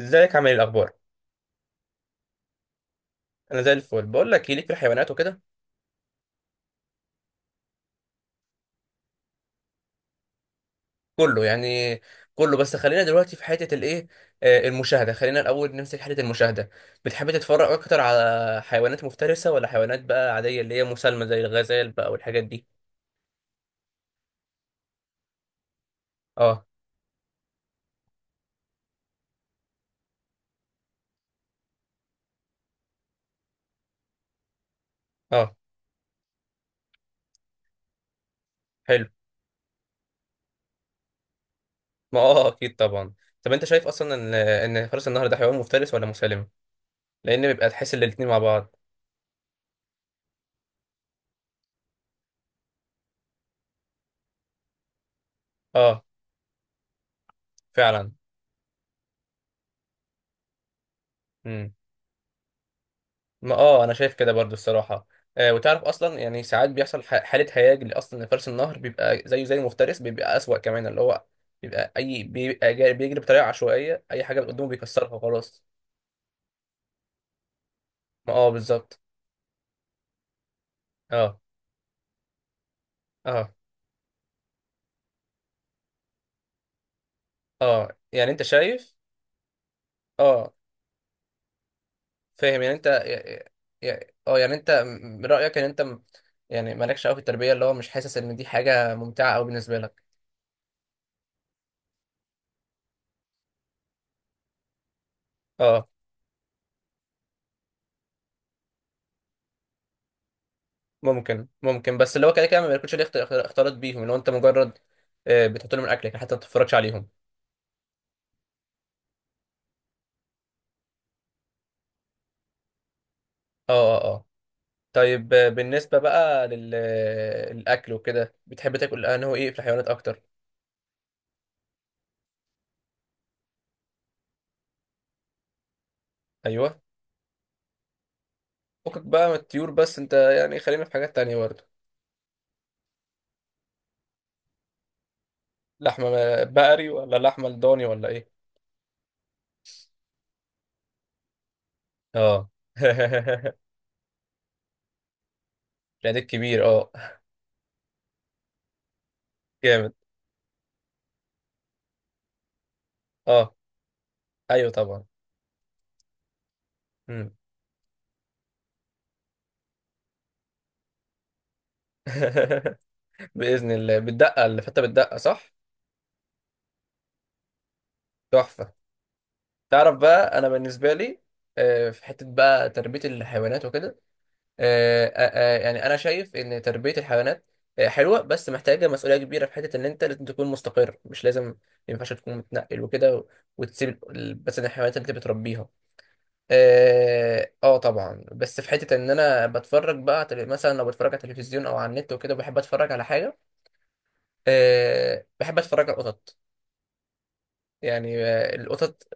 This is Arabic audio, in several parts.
ازيك عامل ايه الاخبار؟ انا زي الفل، بقول لك إيه، ليك في الحيوانات وكده. كله يعني. كله، بس خلينا دلوقتي في حته الايه. آه، المشاهده، خلينا الاول نمسك حته المشاهده. بتحب تتفرج اكتر على حيوانات مفترسه ولا حيوانات بقى عاديه اللي هي مسالمه زي الغزال بقى والحاجات دي؟ اه، اه. حلو. ما اه، اكيد طبعا. طب، انت شايف اصلا ان فرس النهر ده حيوان مفترس ولا مسالم؟ لان بيبقى تحس ان الاتنين مع بعض. اه، فعلا. ما اه، انا شايف كده برضو الصراحه. آه، وتعرف اصلا يعني ساعات بيحصل حاله هياج اللي اصلا لفرس النهر بيبقى زيه زي المفترس، بيبقى اسوأ كمان، اللي هو بيبقى اي بيبقى بيجري بطريقه عشوائيه، اي حاجه قدامه بيكسرها وخلاص. ما اه، بالظبط. اه، اه، اه، يعني انت شايف. اه، فاهم، يعني انت يعني انت من رايك ان انت يعني مالكش قوي في التربيه، اللي هو مش حاسس ان دي حاجه ممتعه قوي بالنسبه لك؟ اه، ممكن ممكن، بس اللي هو كده كده ما بياكلش ليه اختلاط بيهم، اللي هو انت مجرد آه، بتحط لهم الاكل لكن حتى ما بتتفرجش عليهم. اه، اه، اه، طيب، آه، بالنسبه بقى للاكل وكده، بتحب تاكل انه ايه في الحيوانات اكتر؟ ايوه، فكك بقى من الطيور، بس انت يعني خلينا في حاجات تانية برضه. لحمه، بقري ولا لحمه لضاني ولا ايه؟ اه. العيد الكبير، اه. جامد. اه، ايوه طبعا. مم. باذن الله، بتدقق اللي فته بتدقق صح؟ تحفه. تعرف بقى، انا بالنسبه لي في حته بقى تربيه الحيوانات وكده. يعني انا شايف ان تربيه الحيوانات حلوه، بس محتاجه مسؤوليه كبيره في حته ان انت لازم تكون مستقر، مش لازم ما ينفعش تكون متنقل وكده وتسيب مثلا الحيوانات اللي انت بتربيها. اه، آه طبعا، بس في حته ان انا بتفرج بقى على مثلا لو بتفرج على التلفزيون او على النت وكده، بحب اتفرج على حاجه. أه، بحب اتفرج على القطط. يعني القطط،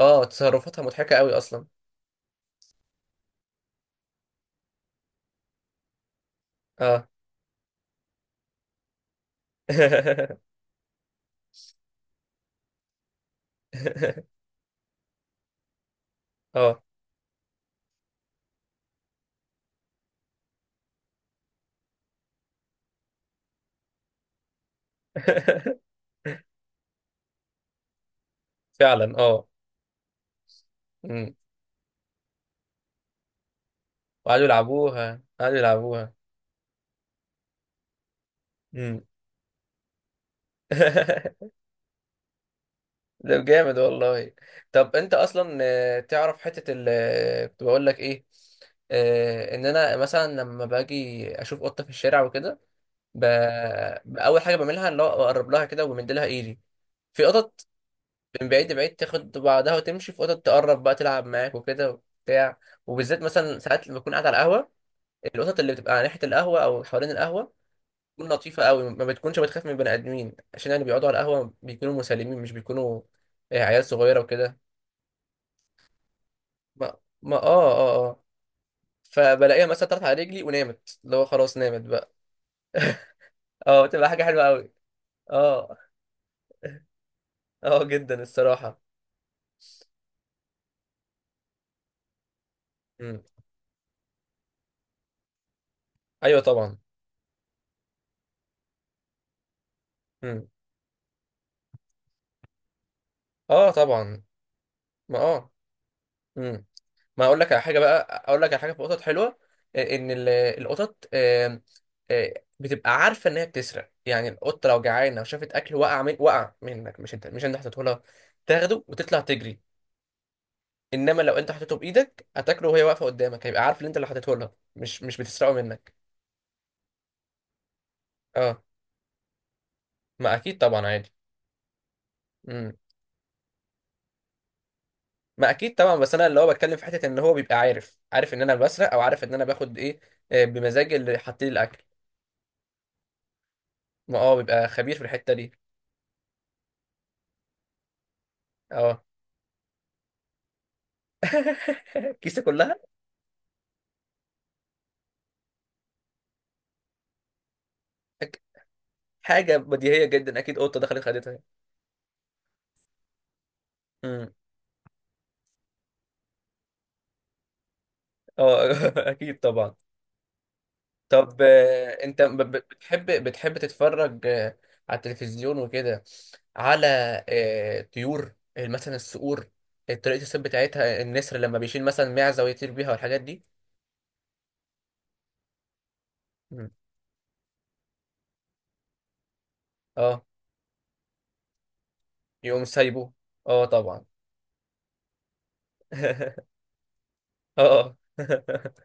اه تصرفاتها مضحكه قوي اصلا. اه. اه. فعلا، اه. أمم. وقعدوا يلعبوها، قعدوا يلعبوها. أمم. ده جامد والله. طب، انت اصلا تعرف حتة ال آه، كنت بقول لك ايه. ان انا مثلا لما باجي اشوف قطة في الشارع وكده، ب... اول حاجة بعملها اللي هو اقرب لها كده ومد لها ايدي. في قطط من بعيد لبعيد تاخد بعضها وتمشي، في قطط تقرب بقى تلعب معاك وكده وبتاع. وبالذات مثلا ساعات لما بكون قاعد على القهوة، القطط اللي بتبقى على ناحية القهوة او حوالين القهوة بتكون لطيفة قوي، ما بتكونش بتخاف من بني آدمين، عشان يعني بيقعدوا على القهوة بيكونوا مسالمين، مش بيكونوا عيال صغيرة وكده. ما ما اه اه اه فبلاقيها مثلا طلعت على رجلي ونامت، اللي هو خلاص نامت بقى. اه، تبقى حاجة حلوة قوي. اه، اه جدا الصراحة. مم. ايوه طبعا. مم. اه طبعا. ما اه. مم. ما اقول لك على حاجه بقى، اقول لك على حاجه في القطط حلوه. ان القطط آه، بتبقى عارفه ان هي بتسرق، يعني القطه لو جعانه وشافت اكل وقع منك، مش انت حطيته لها، تاخده وتطلع تجري. انما لو انت حطيته بايدك هتاكله وهي واقفه قدامك، هيبقى عارف ان انت اللي حطيته لها مش بتسرقه منك. اه، ما اكيد طبعا عادي. امم. ما اكيد طبعا، بس انا اللي هو بتكلم في حته ان هو بيبقى عارف ان انا بسرق، او عارف ان انا باخد ايه، بمزاجي اللي حاطين لي الاكل. ما اه، بيبقى خبير في الحته دي. اه، الكيسه كلها؟ أك- حاجه بديهيه جدا، اكيد قطه دخلت خدتها. امم. اه. اكيد طبعا. طب انت بتحب تتفرج على التلفزيون وكده، على طيور مثلا الصقور، طريقه الصيد بتاعتها، النسر لما بيشيل مثلا معزه ويطير بيها والحاجات دي؟ مم. اه، يقوم سايبه، اه طبعا. اه.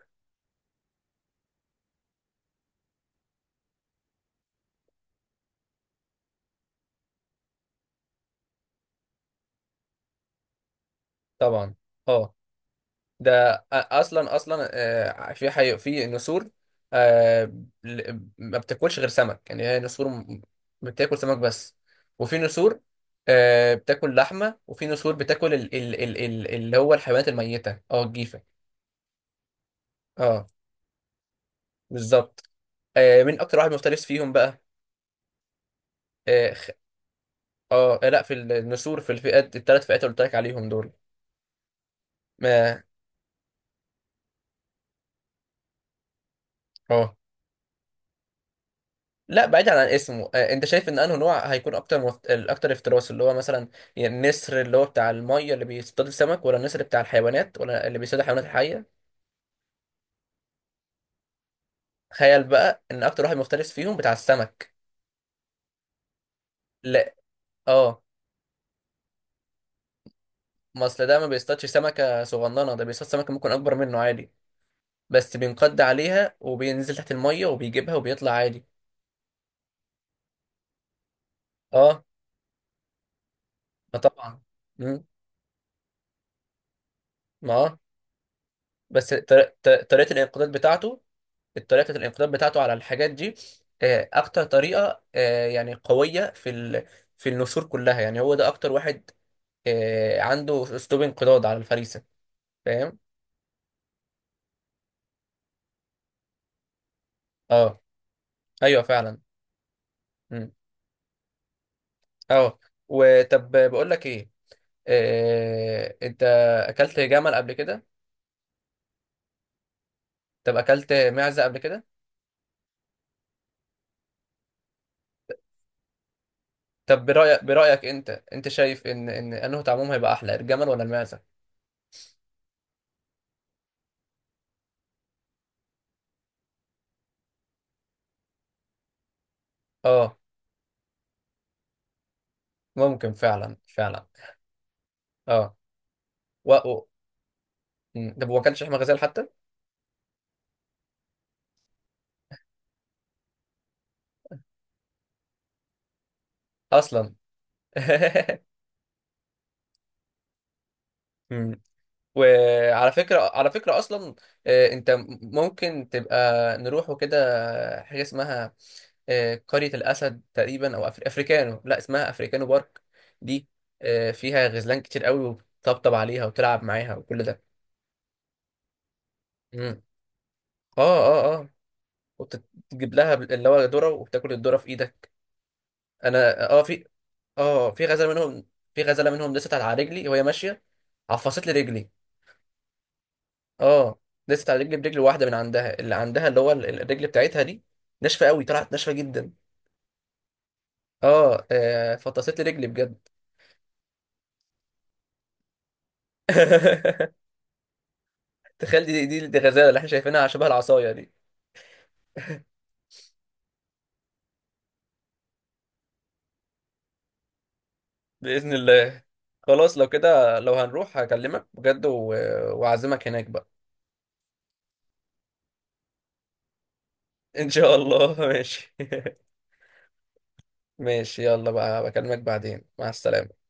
طبعا، اه. ده اصلا اصلا في نسور آه، ما بتاكلش غير سمك، يعني هي نسور بتاكل سمك بس. وفي نسور بتاكل لحمه، وفي نسور بتاكل اللي هو الحيوانات الميته، الجيفه. اه، بالظبط. مين اكتر واحد مفترس فيهم بقى؟ اه، لا، في النسور، في الفئات الثلاث فئات اللي قلت لك عليهم دول. ما اه. لا بعيد عن اسمه، انت شايف ان انه نوع هيكون اكتر الاكتر افتراس اللي هو مثلا، يعني النسر اللي هو بتاع الميه اللي بيصطاد السمك، ولا النسر بتاع الحيوانات، ولا اللي بيصطاد الحيوانات الحيه؟ تخيل بقى، ان اكتر واحد مفترس فيهم بتاع السمك. لا. اه. ما اصل ده ما بيصطادش سمكه صغننه، ده بيصطاد سمكه ممكن اكبر منه عادي. بس بينقض عليها وبينزل تحت الميه وبيجيبها وبيطلع عادي. اه، ما طبعا. مم، ما آه. بس طريقه الانقضاض بتاعته على الحاجات دي، اكتر طريقه يعني قويه في في النسور كلها، يعني هو ده اكتر واحد عنده اسلوب انقضاض على الفريسه. فاهم. اه، ايوه فعلا. مم. اه. وطب بقول لك ايه، انت اكلت جمل قبل كده؟ طب، اكلت معزه قبل كده؟ طب، برأيك انت شايف ان انه طعمهم هيبقى احلى، الجمل ولا المعزه؟ اه، ممكن فعلا فعلا. اه، و... و... مم. طب، ما اكلتش لحمه غزال حتى؟ اصلا. مم. وعلى فكره على فكره اصلا، انت ممكن تبقى نروح وكده، حاجه اسمها قريه الاسد تقريبا، او افريكانو، لا اسمها افريكانو بارك دي. فيها غزلان كتير قوي، وتطبطب عليها وتلعب معاها وكل ده. مم. اه، اه، اه، وتجيب لها اللي هو ذره وبتاكل الذره في ايدك. انا في غزاله منهم، في غزاله منهم لسه على رجلي وهي ماشيه، عفصت لي رجلي. اه، دست على رجلي برجل واحده من عندها، اللي عندها اللي هو الرجل بتاعتها دي، ناشفه قوي، طلعت ناشفه جدا. فطست لي رجلي بجد. تخيل، دي غزاله اللي احنا شايفينها شبه العصايه دي. باذن الله. خلاص، لو كده لو هنروح هكلمك بجد واعزمك هناك بقى. ان شاء الله. ماشي. ماشي، يلا بقى، بكلمك بعدين، مع السلامه.